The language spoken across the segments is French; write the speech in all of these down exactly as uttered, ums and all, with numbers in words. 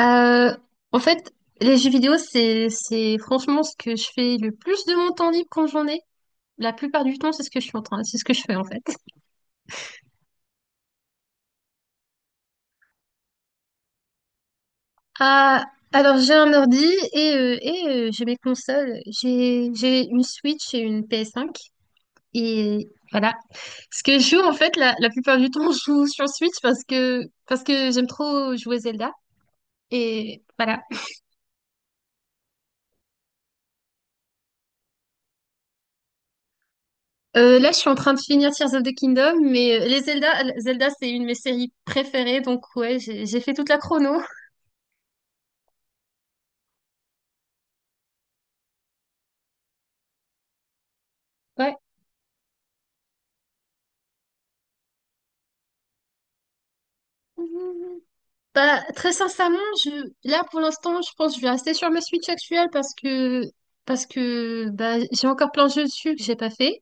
Euh, en fait, les jeux vidéo, c'est, c'est franchement ce que je fais le plus de mon temps libre quand j'en ai. La plupart du temps, c'est ce que je suis en train, c'est ce que je fais en fait. Ah, alors j'ai un ordi et, euh, et euh, j'ai mes consoles. J'ai, j'ai une Switch et une ps cinq. Et voilà. Ce que je joue en fait, la, la plupart du temps, je joue sur Switch parce que, parce que j'aime trop jouer Zelda. Et voilà. Euh, là, je suis en train de finir Tears of the Kingdom, mais euh, les Zelda, Zelda, c'est une de mes séries préférées, donc ouais, j'ai j'ai fait toute la chrono. Ouais. Bah, très sincèrement, je... là pour l'instant, je pense que je vais rester sur ma Switch actuelle parce que parce que bah, j'ai encore plein de jeux dessus que j'ai pas fait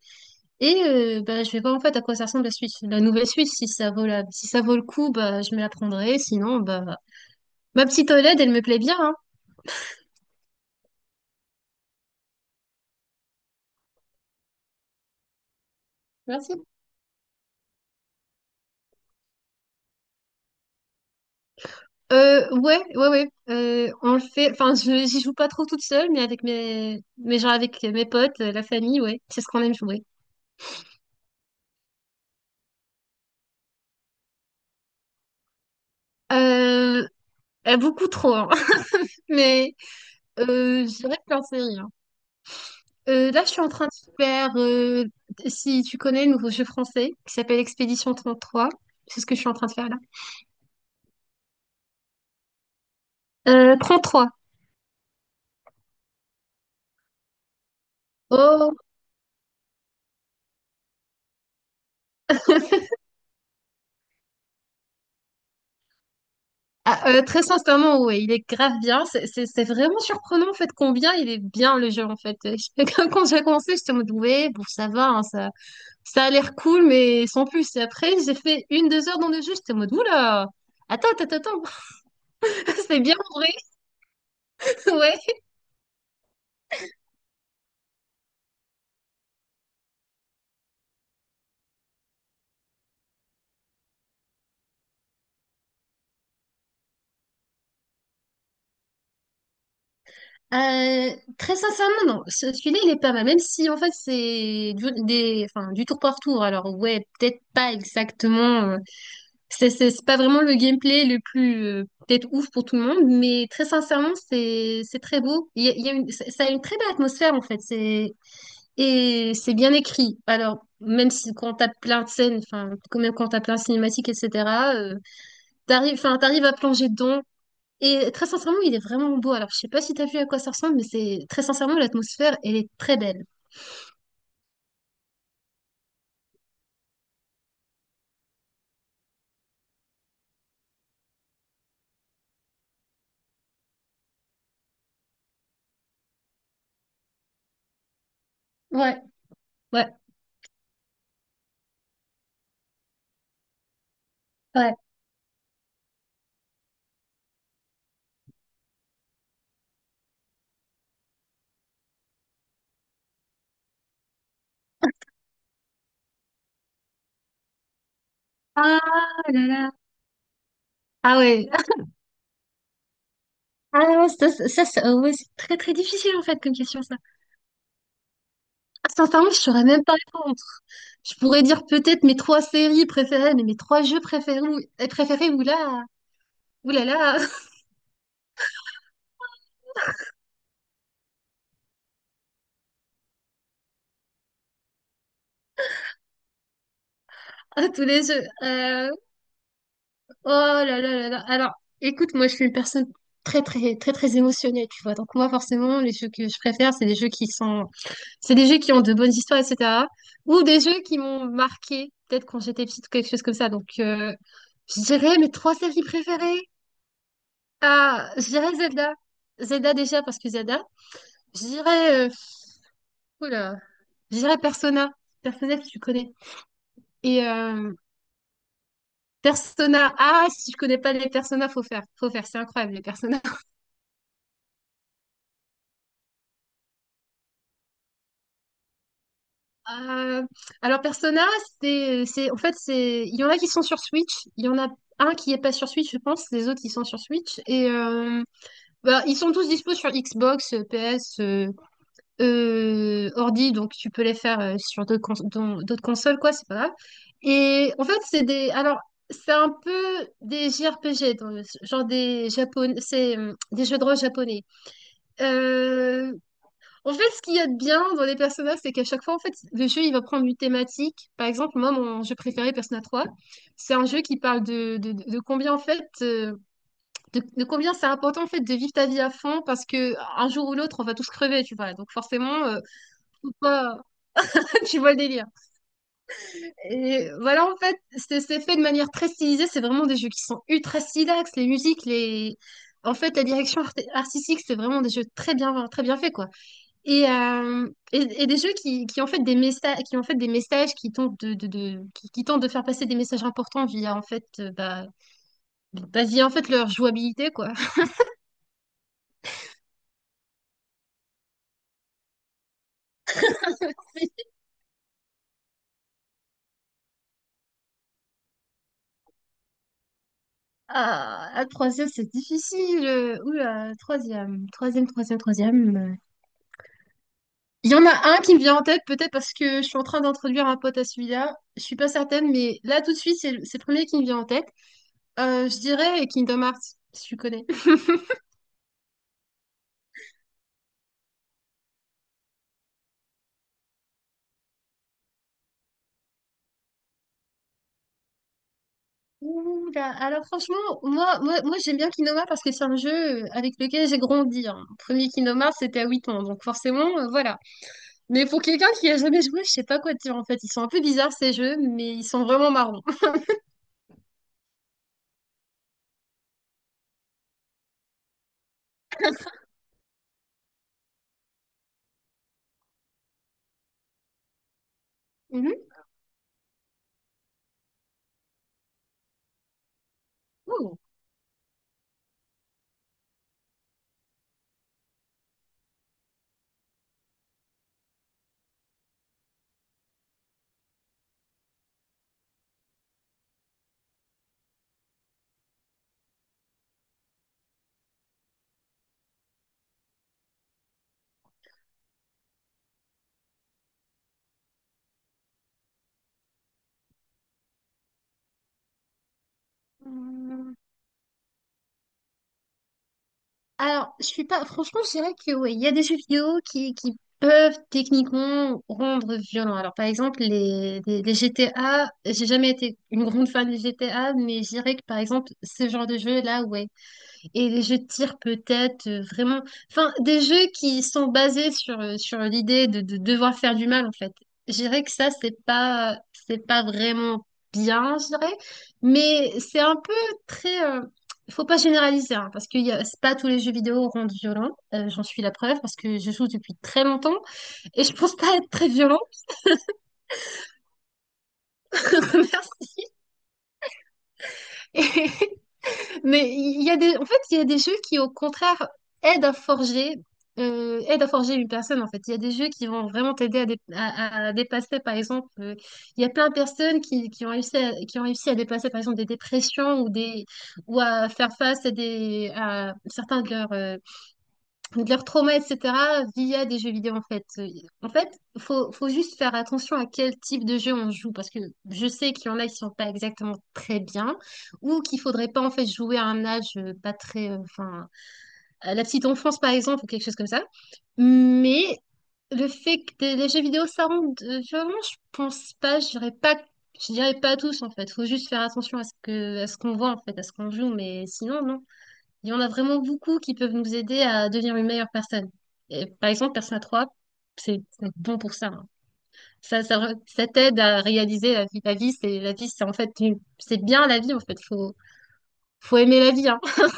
et euh, bah, je vais voir en fait à quoi ça ressemble la Switch, la nouvelle Switch, si ça vaut la... si ça vaut le coup, bah je me la prendrai, sinon bah ma petite O L E D elle me plaît bien hein. Merci. Euh, ouais, ouais, ouais. Euh, on le fait. Enfin, je j'y joue pas trop toute seule, mais avec mes, mais genre avec mes potes, euh, la famille, ouais. C'est ce qu'on aime jouer. Euh, euh, Beaucoup trop, hein. Mais euh, je dirais plein de séries, hein. Euh, là, je suis en train de faire. Euh, si tu connais le nouveau jeu français qui s'appelle Expédition trente-trois, c'est ce que je suis en train de faire là. Euh, trois. Oh, ah, euh, très sincèrement, ouais, il est grave bien. C'est c'est- c'est vraiment surprenant en fait combien il est bien le jeu en fait. Quand quand j'ai commencé, j'étais en mode ouais, bon ça va, hein, ça, ça a l'air cool, mais sans plus. Et après, j'ai fait une, deux heures dans le jeu, j'étais en mode oula, attends, attends, attends, c'est bien en vrai. Ouais. Euh, Très sincèrement, non. Ce- celui-là il est pas mal, même si en fait c'est du, des, enfin, du tour par tour. Alors ouais, peut-être pas exactement. C'est c'est- c'est pas vraiment le gameplay le plus euh, peut-être ouf pour tout le monde, mais très sincèrement, c'est c'est très beau. Il y a, il y a une, ça ça a une très belle atmosphère en fait. C'est et c'est bien écrit. Alors même si quand t'as plein de scènes, enfin quand même quand t'as plein de cinématiques, et cetera euh, t'arrives, enfin t'arrives à plonger dedans. Et très sincèrement, il est vraiment beau. Alors je sais pas si t'as vu à quoi ça ressemble, mais c'est très sincèrement l'atmosphère, elle est très belle. Ouais, ouais, ouais. Ah là là. Ah ouais. Ah non, ça, ça, ça, ça- ouais, c'est très très difficile en fait comme question ça. Ah, sincèrement, je saurais même pas répondre. Je pourrais dire peut-être mes trois séries préférées, mais mes trois jeux préférés, ou- euh, préférés, ou là, ou là là. À tous les jeux. Euh, oh là là là là. Alors, écoute, moi, je suis une personne très très très très émotionnelle, tu vois. Donc moi, forcément, les jeux que je préfère, c'est des jeux qui sont, c'est des jeux qui ont de bonnes histoires, et cetera. Ou des jeux qui m'ont marqué, peut-être quand j'étais petite, quelque chose comme ça. Donc, euh, je dirais mes trois séries préférées. Ah, je dirais Zelda. Zelda déjà parce que Zelda, Je dirais, euh, oula, je dirais Persona. Persona, si tu connais. Et euh, Persona ah Si tu connais pas les Persona, faut faire. Faut faire, c'est incroyable, les Persona. Euh, alors, Persona, c'est, c'est, en fait, c'est, il y en a qui sont sur Switch. Il y en a un qui est pas sur Switch, je pense. Les autres, ils sont sur Switch. Et euh, bah, ils sont tous dispo sur Xbox, P S, euh, ordi, donc tu peux les faire euh, sur d'autres cons- dans- d'autres consoles, quoi, c'est pas grave. Et en fait, c'est des. Alors, C'est un peu des J R P G, donc, genre des japon c'est euh, des jeux de rôle japonais. Euh, en fait, Ce qu'il y a de bien dans les personnages, c'est qu'à chaque fois, en fait, le jeu, il va prendre une thématique. Par exemple, moi, mon jeu préféré, Persona trois, c'est un jeu qui parle de, de, de combien, en fait, euh, de, de combien c'est important, en fait, de vivre ta vie à fond, parce que un jour ou l'autre, on va tous crever, tu vois. Donc, forcément, euh, faut pas tu vois le délire. Et voilà, en fait, c'est c'est fait de manière très stylisée. C'est vraiment des jeux qui sont ultra stylax. Les musiques, les... En fait, la direction art- artistique, c'est vraiment des jeux très bien, très bien faits, quoi. Et, euh, et, et des jeux qui, qui ont fait des messages, qui ont fait des messages qui tentent de, de, de- qui, qui tentent de faire passer des messages importants via, en fait, euh, bah, bah, via, en fait, leur jouabilité, quoi. Ah, ah, troisième, c'est difficile. Oula, troisième, troisième, troisième, troisième. Il y en a un qui me vient en tête, peut-être parce que je suis en train d'introduire un pote à celui-là. Je suis pas certaine, mais là, tout de suite, c'est le, c'est le premier qui me vient en tête. Euh, je dirais Kingdom Hearts, si tu connais. Ouh là, alors franchement, moi, moi, moi j'aime bien Kingdom Hearts parce que c'est un jeu euh, avec lequel j'ai grandi, hein. Mon premier Kingdom Hearts, c'était à huit ans, donc forcément, euh, voilà. Mais pour quelqu'un qui a jamais joué, je sais pas quoi dire en fait. Ils sont un peu bizarres ces jeux, mais ils sont vraiment marrons. Mhm. Ouh. Alors, je suis pas. Franchement, je dirais que oui, il y a des jeux vidéo qui, qui peuvent techniquement rendre violent. Alors, par exemple, les, les, les G T A, j'ai jamais été une grande fan des G T A, mais je dirais que par exemple, ce genre de jeu-là, ouais, et les jeux de tir peut-être euh, vraiment, enfin des jeux qui sont basés sur euh, sur l'idée de, de devoir faire du mal en fait, je dirais que ça c'est pas c'est pas vraiment bien, je dirais, mais c'est un peu très euh, faut pas généraliser hein, parce que y a- c'est pas tous les jeux vidéo rendent violents. Euh, j'en suis la preuve parce que je joue depuis très longtemps et je pense pas être très violente. Merci. Mais il y a des, en fait, il y a des jeux qui, au contraire, aident à forger, euh, aident à forger une personne, en fait. Il y a des jeux qui vont vraiment t'aider à, dé- à- à dépasser, par exemple, euh, il y a plein de personnes qui, qui ont réussi à, qui ont réussi à dépasser, par exemple, des dépressions ou des, ou à faire face à des, à certains de leurs, euh, de leur trauma, et cetera, via des jeux vidéo, en fait. Euh, En fait, faut, faut juste faire attention à quel type de jeu on joue, parce que je sais qu'il y en a qui sont pas exactement très bien, ou qu'il faudrait pas, en fait, jouer à un âge euh, pas très... euh, Enfin, à la petite enfance, par exemple, ou quelque chose comme ça. Mais le fait que des- les jeux vidéo, ça rend de- violent, je pense pas, je dirais pas... je dirais pas tous, en fait. Faut juste faire attention à ce que, à ce qu'on voit, en fait, à ce qu'on joue, mais sinon, non. Il y en a vraiment beaucoup qui peuvent nous aider à devenir une meilleure personne. Et par exemple, Persona trois, c'est c'est bon pour ça, hein. Ça, ça, re- ça t'aide à réaliser la vie. La vie, c'est la vie, c'est en fait une- c'est bien la vie en fait. Faut faut aimer la vie, hein.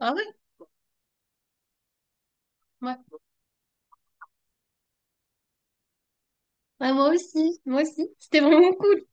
Ah ouais, ouais. Ouais, moi aussi, moi aussi. C'était vraiment cool.